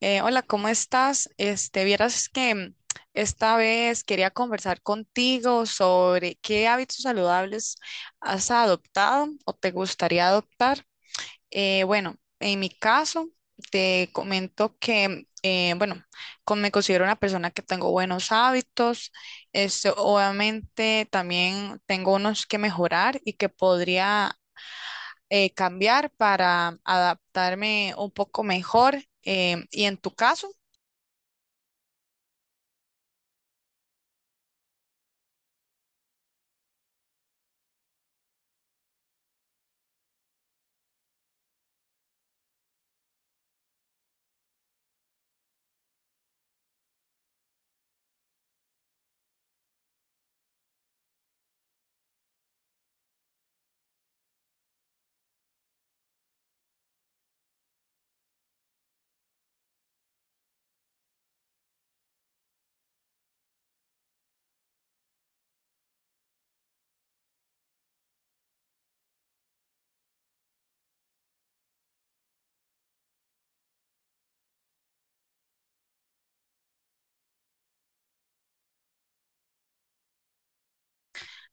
Hola, ¿cómo estás? Este, vieras que esta vez quería conversar contigo sobre qué hábitos saludables has adoptado o te gustaría adoptar. Bueno, en mi caso, te comento que, bueno, me considero una persona que tengo buenos hábitos. Este, obviamente también tengo unos que mejorar y que podría cambiar para adaptarme un poco mejor. Y en tu caso,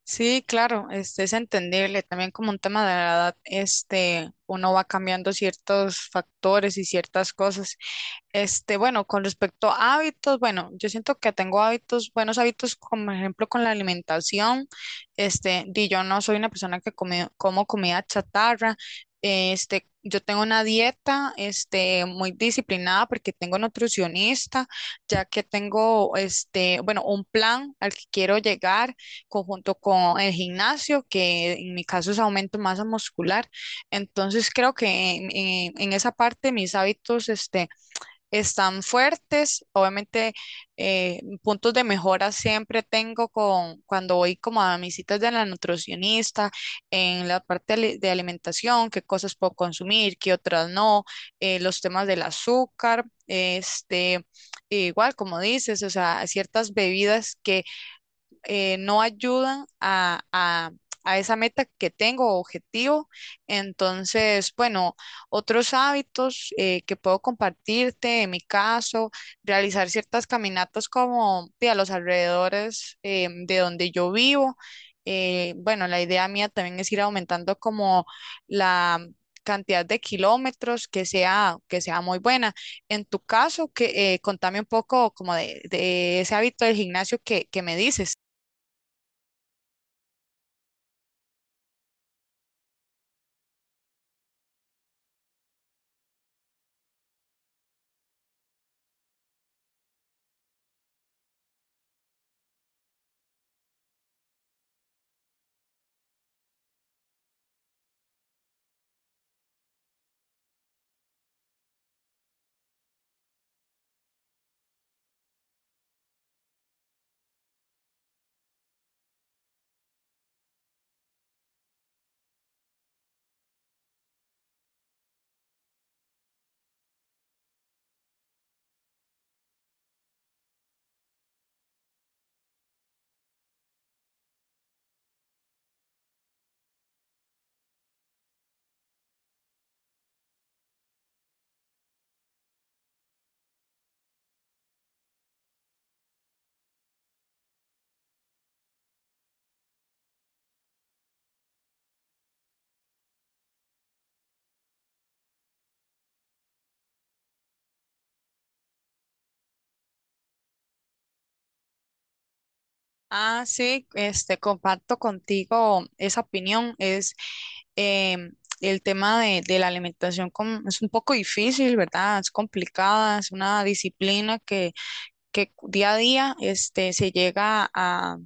sí, claro, este es entendible. También como un tema de la edad, este, uno va cambiando ciertos factores y ciertas cosas. Este, bueno, con respecto a hábitos, bueno, yo siento que tengo hábitos, buenos hábitos, como ejemplo con la alimentación. Este, di yo no soy una persona que come, como comida chatarra. Este, yo tengo una dieta, este, muy disciplinada porque tengo nutricionista, ya que tengo, este, bueno, un plan al que quiero llegar conjunto con el gimnasio, que en mi caso es aumento de masa muscular. Entonces creo que en, en esa parte mis hábitos, este, están fuertes. Obviamente, puntos de mejora siempre tengo con cuando voy como a mis citas de la nutricionista, en la parte de alimentación, qué cosas puedo consumir, qué otras no, los temas del azúcar, este, igual como dices, o sea, ciertas bebidas que no ayudan a esa meta que tengo o objetivo. Entonces, bueno, otros hábitos que puedo compartirte, en mi caso, realizar ciertas caminatas como de a los alrededores de donde yo vivo. Bueno, la idea mía también es ir aumentando como la cantidad de kilómetros que sea muy buena. En tu caso, que, contame un poco como de ese hábito del gimnasio que me dices. Ah, sí, este, comparto contigo esa opinión. Es em, el tema de la alimentación es un poco difícil, ¿verdad? Es complicada, es una disciplina que día a día este, se llega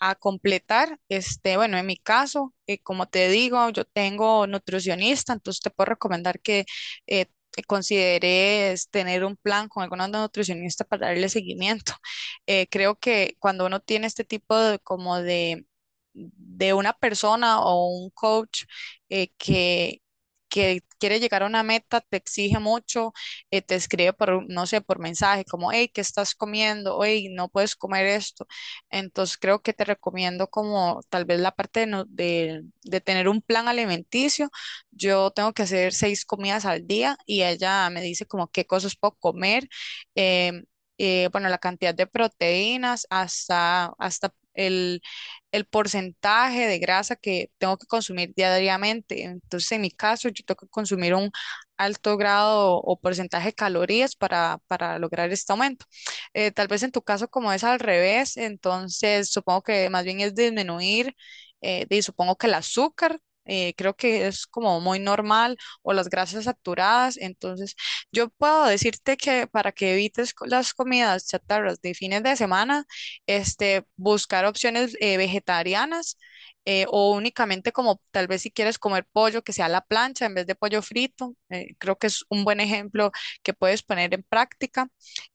a completar. Este, bueno, en mi caso, como te digo, yo tengo nutricionista, entonces te puedo recomendar que te consideres tener un plan con alguna nutricionista para darle seguimiento. Creo que cuando uno tiene este tipo de como de una persona o un coach eh, que que quiere llegar a una meta, te exige mucho, te escribe por, no sé, por mensaje, como, hey, ¿qué estás comiendo? Hey, no puedes comer esto, entonces creo que te recomiendo como tal vez la parte de, de tener un plan alimenticio. Yo tengo que hacer seis comidas al día y ella me dice como qué cosas puedo comer, em, bueno, la cantidad de proteínas hasta, hasta el porcentaje de grasa que tengo que consumir diariamente. Entonces en mi caso yo tengo que consumir un alto grado o porcentaje de calorías para lograr este aumento. Tal vez en tu caso como es al revés, entonces supongo que más bien es disminuir, y supongo que el azúcar, creo que es como muy normal, o las grasas saturadas, entonces yo puedo decirte que para que evites las comidas chatarras de fines de semana, este, buscar opciones vegetarianas. O únicamente como tal vez si quieres comer pollo que sea a la plancha en vez de pollo frito, creo que es un buen ejemplo que puedes poner en práctica.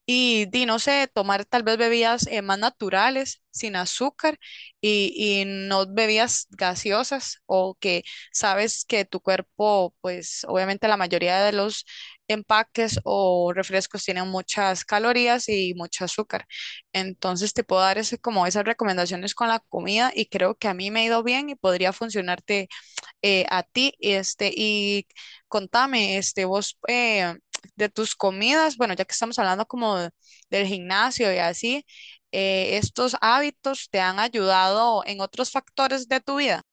Y, di, no sé, tomar tal vez bebidas más naturales, sin azúcar y no bebidas gaseosas o que sabes que tu cuerpo, pues obviamente la mayoría de los empaques o refrescos tienen muchas calorías y mucho azúcar. Entonces te puedo dar ese, como esas recomendaciones con la comida y creo que a mí me ha ido bien y podría funcionarte a ti. Este, y contame, este, vos de tus comidas, bueno, ya que estamos hablando como del gimnasio y así, ¿estos hábitos te han ayudado en otros factores de tu vida?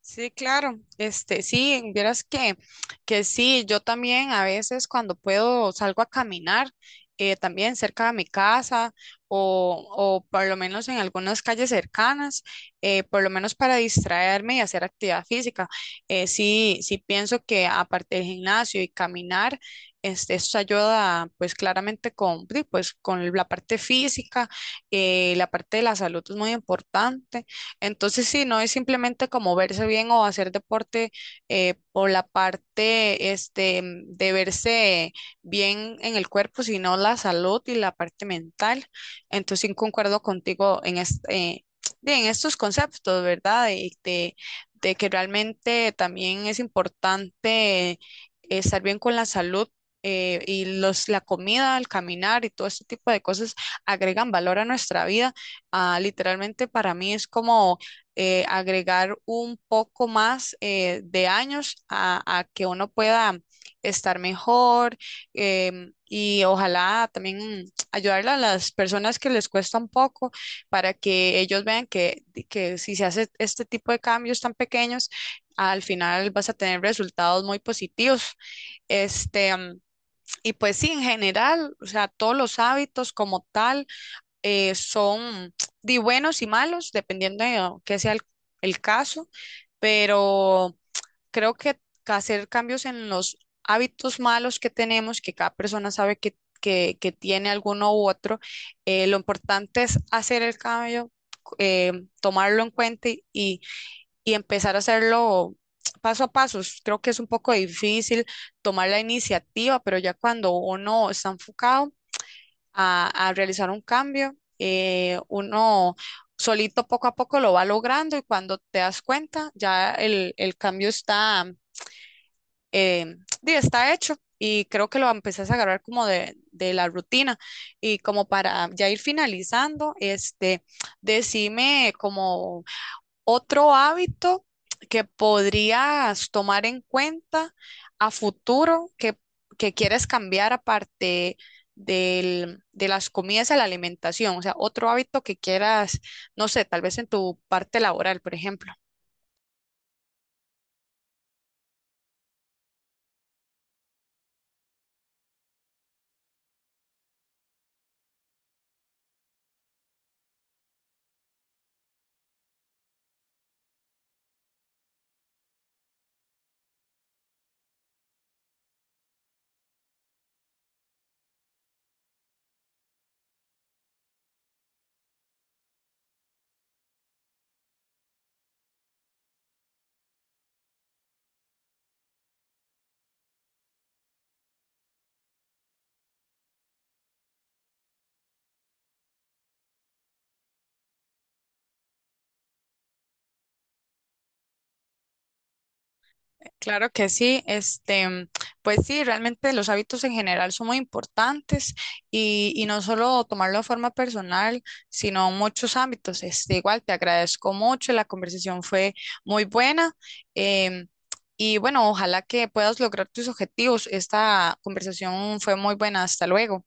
Sí, claro. Este, sí, vieras que sí, yo también a veces cuando puedo salgo a caminar, también cerca de mi casa o por lo menos en algunas calles cercanas, por lo menos para distraerme y hacer actividad física. Sí, sí pienso que aparte del gimnasio y caminar, este, eso ayuda pues claramente con, di, pues, con la parte física, la parte de la salud es muy importante. Entonces, sí, no es simplemente como verse bien o hacer deporte por la parte este, de verse bien en el cuerpo, sino la salud y la parte mental. Entonces, sí, concuerdo contigo en, en estos conceptos, ¿verdad? Y de que realmente también es importante estar bien con la salud. Y los, la comida, el caminar y todo este tipo de cosas agregan valor a nuestra vida. Ah, literalmente para mí es como agregar un poco más de años a que uno pueda estar mejor, y ojalá también mm, ayudarle a las personas que les cuesta un poco para que ellos vean que si se hace este tipo de cambios tan pequeños, al final vas a tener resultados muy positivos. Este, y pues sí, en general, o sea, todos los hábitos como tal son de buenos y malos, dependiendo de oh, qué sea el caso, pero creo que hacer cambios en los hábitos malos que tenemos, que cada persona sabe que tiene alguno u otro, lo importante es hacer el cambio, eh, tomarlo en cuenta y, y empezar a hacerlo paso a paso. Creo que es un poco difícil tomar la iniciativa, pero ya cuando uno está enfocado, a realizar un cambio. Uno solito poco a poco lo va logrando y cuando te das cuenta ya el cambio está, eh, di, está hecho y creo que lo empezás a agarrar como de la rutina y como para ya ir finalizando, este, decime como otro hábito que podrías tomar en cuenta a futuro que quieres cambiar aparte de las comidas a la alimentación, o sea, otro hábito que quieras, no sé, tal vez en tu parte laboral, por ejemplo. Claro que sí, este, pues sí, realmente los hábitos en general son muy importantes y no solo tomarlo de forma personal, sino muchos ámbitos. Este, igual te agradezco mucho, la conversación fue muy buena, em, y bueno, ojalá que puedas lograr tus objetivos. Esta conversación fue muy buena, hasta luego.